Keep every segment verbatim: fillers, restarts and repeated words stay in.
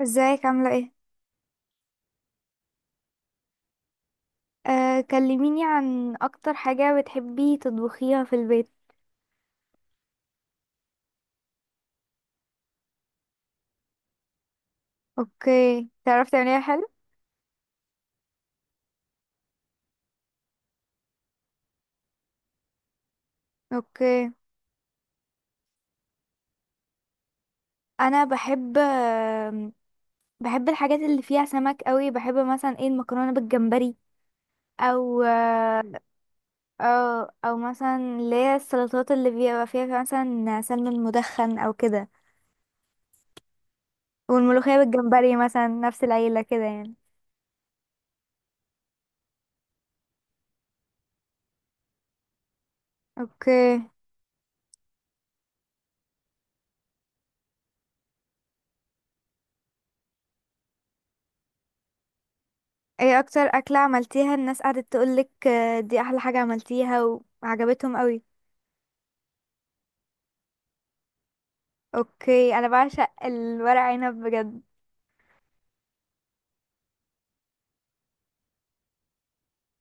ازيك عاملة ايه؟ آه، كلميني عن اكتر حاجة بتحبي تطبخيها في البيت. اوكي، تعرفي تعمليها حلو؟ اوكي. انا بحب آم، بحب الحاجات اللي فيها سمك قوي. بحب مثلا ايه؟ المكرونة بالجمبري، او آه، او او مثلا اللي هي السلطات اللي بيبقى فيها مثلا سلمون مدخن او كده. والملوخية بالجمبري مثلا، نفس العيلة كده يعني. اوكي. ايه اكتر اكلة عملتيها الناس قعدت تقولك آه، دي احلى حاجة عملتيها وعجبتهم قوي؟ اوكي، انا بعشق الورق عنب بجد.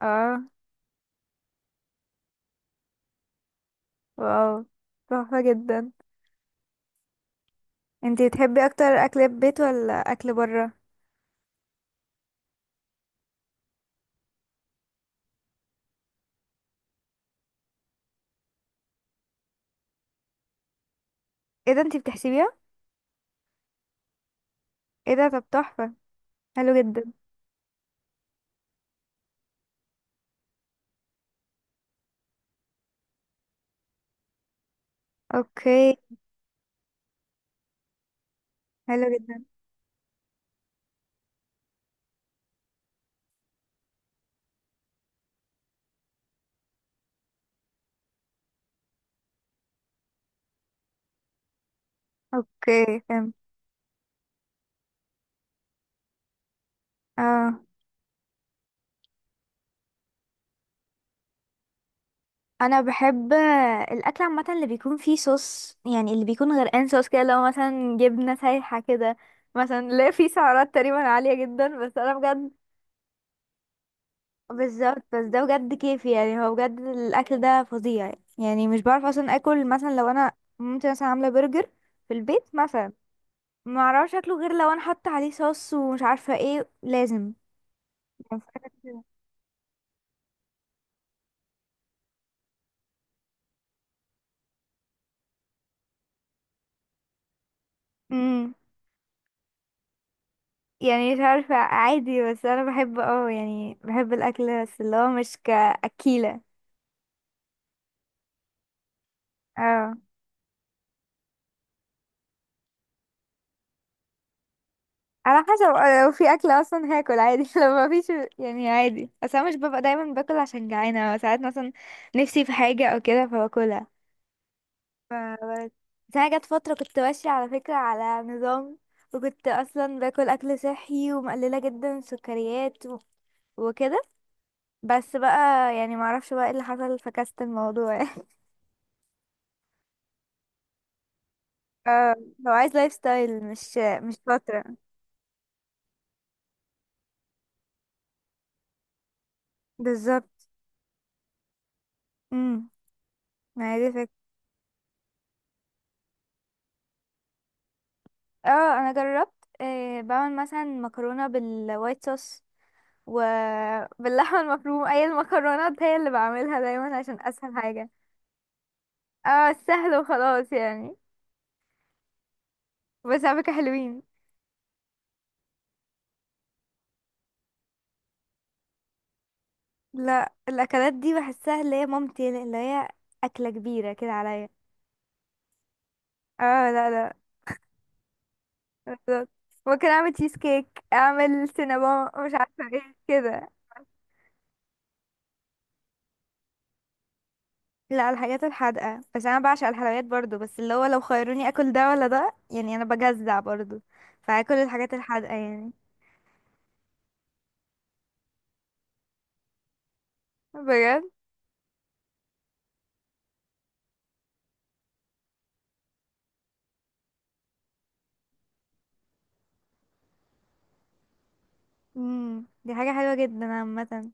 اه. واو، تحفة جدا. انتي بتحبي اكتر اكل بيت ولا اكل برا؟ ايه ده، انتي بتحسبيها؟ ايه ده، طب تحفة، حلو جدا. اوكي. حلو جدا. اوكي، فهمت. اه. انا بحب الاكل عامة اللي بيكون فيه صوص، يعني اللي بيكون غرقان صوص كده، لو مثلا جبنة سايحة كده مثلا. لا فيه سعرات تقريبا عالية جدا، بس انا بجد. بالظبط، بس ده بجد كيفي. يعني هو بجد الاكل ده فظيع يعني. مش بعرف اصلا اكل مثلا لو انا ممكن مثلا عامله برجر في البيت مثلا، ما اعرفش اكله غير لو انا حاطه عليه صوص ومش عارفه ايه، لازم يعني فاكهة كده. امم. يعني مش عارفه، عادي، بس انا بحب، اه يعني بحب الاكل، بس اللي هو مش كاكيله. اه. على حسب، آه، لو في اكل اصلا هاكل عادي لو ما فيش يعني عادي. بس انا مش ببقى دايما باكل عشان جعانه، ساعات مثلا نفسي في حاجه او كده فباكلها. ف- بس انا جت فتره كنت ماشيه على فكره على نظام، وكنت اصلا باكل اكل صحي ومقلله جدا السكريات و... وكده. بس بقى يعني ما اعرفش بقى ايه اللي حصل، فكست الموضوع اه، هو عايز لايف ستايل، مش مش فتره. بالظبط. امم، ما هي دي فكرة. اه، انا جربت. آه، بعمل مثلا مكرونه بالوايت صوص وباللحمه المفرومه. اي المكرونات هي اللي بعملها دايما عشان اسهل حاجه. اه سهل وخلاص يعني. بس على فكرة حلوين. لا الاكلات دي بحسها اللي هي مامتي، اللي هي اكلة كبيرة كده عليا. اه لا لا. بالظبط. ممكن اعمل تشيز كيك، اعمل سينابون، مش عارفة ايه كده. لا الحاجات الحادقة، بس انا بعشق الحلويات برضو. بس اللي هو لو خيروني اكل ده ولا ده يعني انا بجزع برضو، فاكل الحاجات الحادقة يعني بجد. امم، دي حاجة حلوة جدا عامة.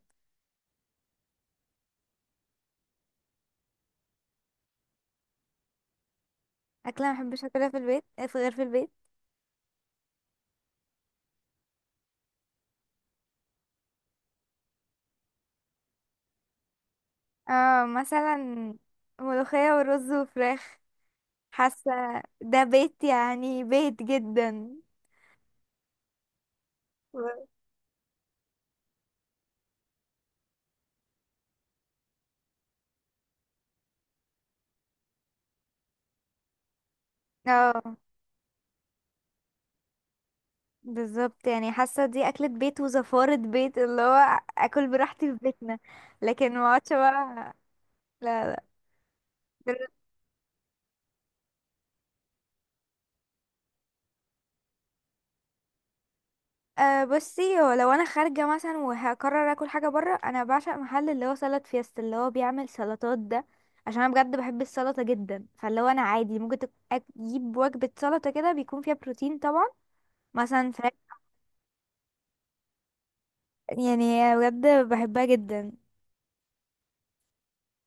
اكلة ما بحبش اكلها في البيت غير في البيت؟ اه مثلا ملوخية ورز وفراخ. حاسة ده بيت يعني، بيت جدا. اه بالظبط، يعني حاسة دي أكلة بيت وزفارة بيت اللي هو أكل براحتي في بيتنا، لكن ما اقعدش بقى. لا. دل- أه بصي، هو لو أنا خارجة مثلا وهقرر أكل حاجة برا، أنا بعشق محل اللي هو سلطة فيست اللي هو بيعمل سلطات ده، عشان أنا بجد بحب السلطة جدا. فاللي هو أنا عادي ممكن تك- أجيب وجبة سلطة كده بيكون فيها بروتين طبعا، مثلا فراخ. يعني بجد بحبها جدا.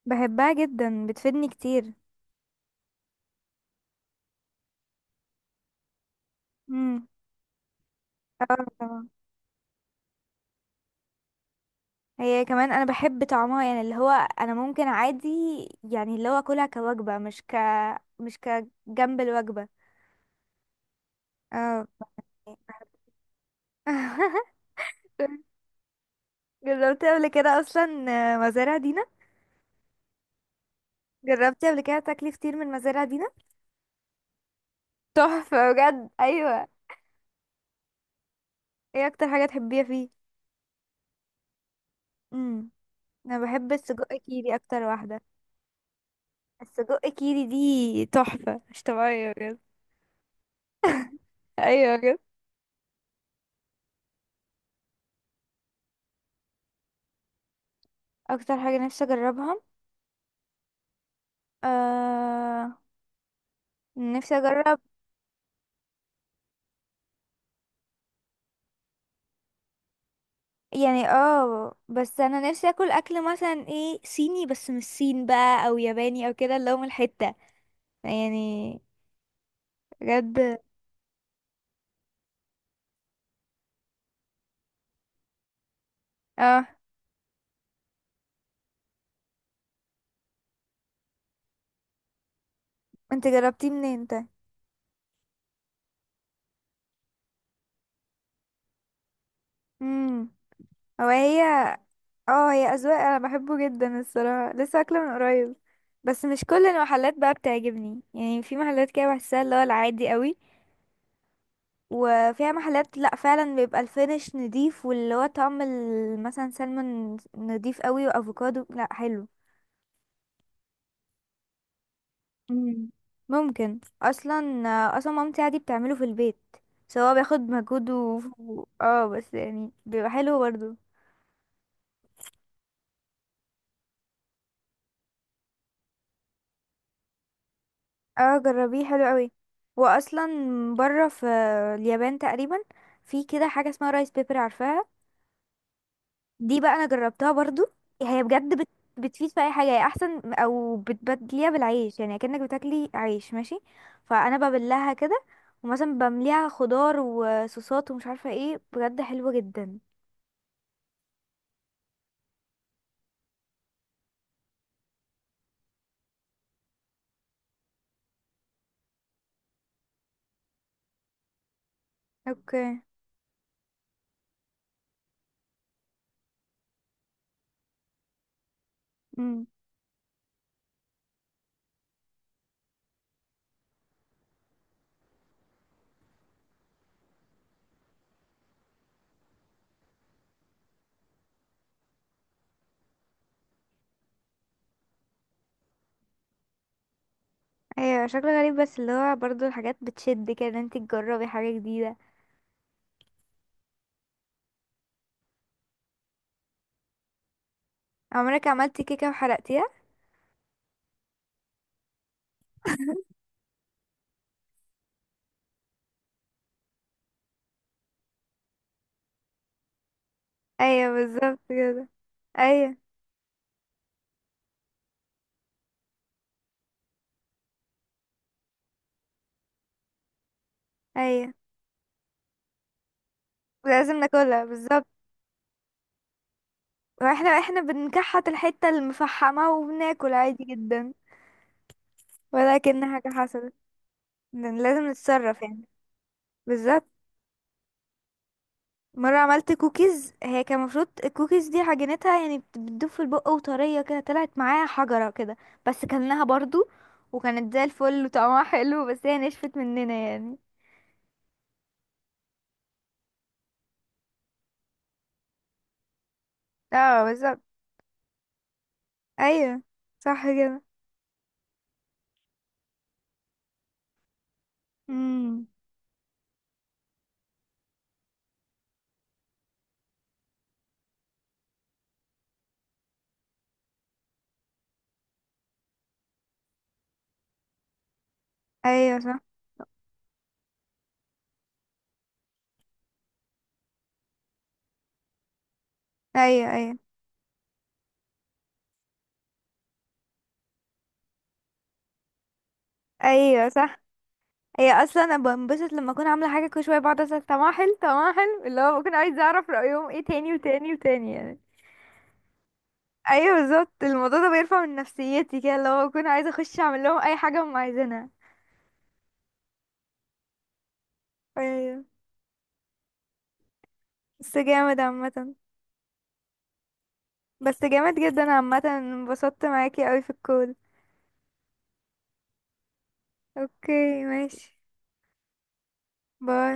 بحبها جدا بتفيدني كتير. امم. اه طبعا. هي كمان انا بحب طعمها، يعني اللي هو انا ممكن عادي يعني اللي هو اكلها كوجبة، مش ك مش كجنب الوجبة. اه جربتي قبل كده اصلا مزارع دينا؟ جربتي قبل كده تاكلي فطير من مزارع دينا؟ تحفة بجد، ايوه. ايه اكتر حاجة تحبيها فيه؟ امم، انا بحب السجق كيري اكتر واحدة. السجق كيري دي تحفة، مش طبيعية بجد. ايوه بجد. اكتر حاجة نفسي اجربها؟ آه، نفسي اجرب، يعني اه. بس انا نفسي اكل اكل مثلا ايه، صيني بس مش صين بقى، او ياباني او كده اللي هو من الحتة يعني، بجد. اه. انت جربتيه منين انت؟ امم. هو هي. اه هي اذواق، انا بحبه جدا الصراحة، لسه اكله من قريب. بس مش كل المحلات بقى بتعجبني. يعني في محلات كده بحسها اللي هو العادي قوي، وفيها محلات لا فعلا بيبقى الفينش نضيف، واللي هو طعم ال- مثلا سلمون نضيف قوي، وافوكادو، لا حلو. مم. ممكن اصلا. اصلا مامتي عادي بتعمله في البيت. سواء بياخد مجهود و... و- اه بس يعني بيبقى حلو برضو. اه جربيه، حلو قوي. واصلا بره في اليابان تقريبا في كده حاجه اسمها رايس بيبر، عارفاها؟ دي بقى انا جربتها برضو. هي بجد بت... بتفيد في اي حاجه. هي احسن، او بتبدليها بالعيش، يعني كأنك بتاكلي عيش ماشي. فانا ببلها كده، ومثلا بمليها خضار وصوصات ومش عارفه ايه، بجد حلوه جدا. اوكي. امم. ايوه شكله غريب، بس اللي هو برضو الحاجات بتشد كده ان انت تجربي حاجه جديده. عمرك عملتي كيكه وحرقتيها؟ ايوه بالظبط كده. ايوه ايوه، لازم ناكلها بالظبط. واحنا احنا بنكحت الحته المفحمه وبناكل عادي جدا ولا كأن حاجة حصلت. ن- لازم نتصرف يعني. بالظبط. مرة عملت كوكيز، هي كان المفروض الكوكيز دي عجينتها يعني بت- بتدوب في البق وطرية كده، طلعت معايا حجرة كده. بس كلناها برضو، وكانت زي الفل وطعمها حلو، بس هي نشفت مننا يعني. اه بالظبط. ايوه صح كده. امم. ايوه صح. ايوه ايوه. ايوه صح. هي اصلا انا بنبسط لما اكون عامله حاجه، كل شويه بقعد اسال طعمها حلو، طعمها حلو، اللي هو بكون عايزه اعرف رايهم ايه، تاني وتاني وتاني يعني. ايوه بالظبط، الموضوع ده بيرفع من نفسيتي كده، اللي هو بكون عايزه اخش اعمل لهم اي حاجه هم عايزينها. ايوه. بس جامد عامه. بس جامد جدا عامه، انبسطت معاكي قوي في الكول. اوكي ماشي. باي.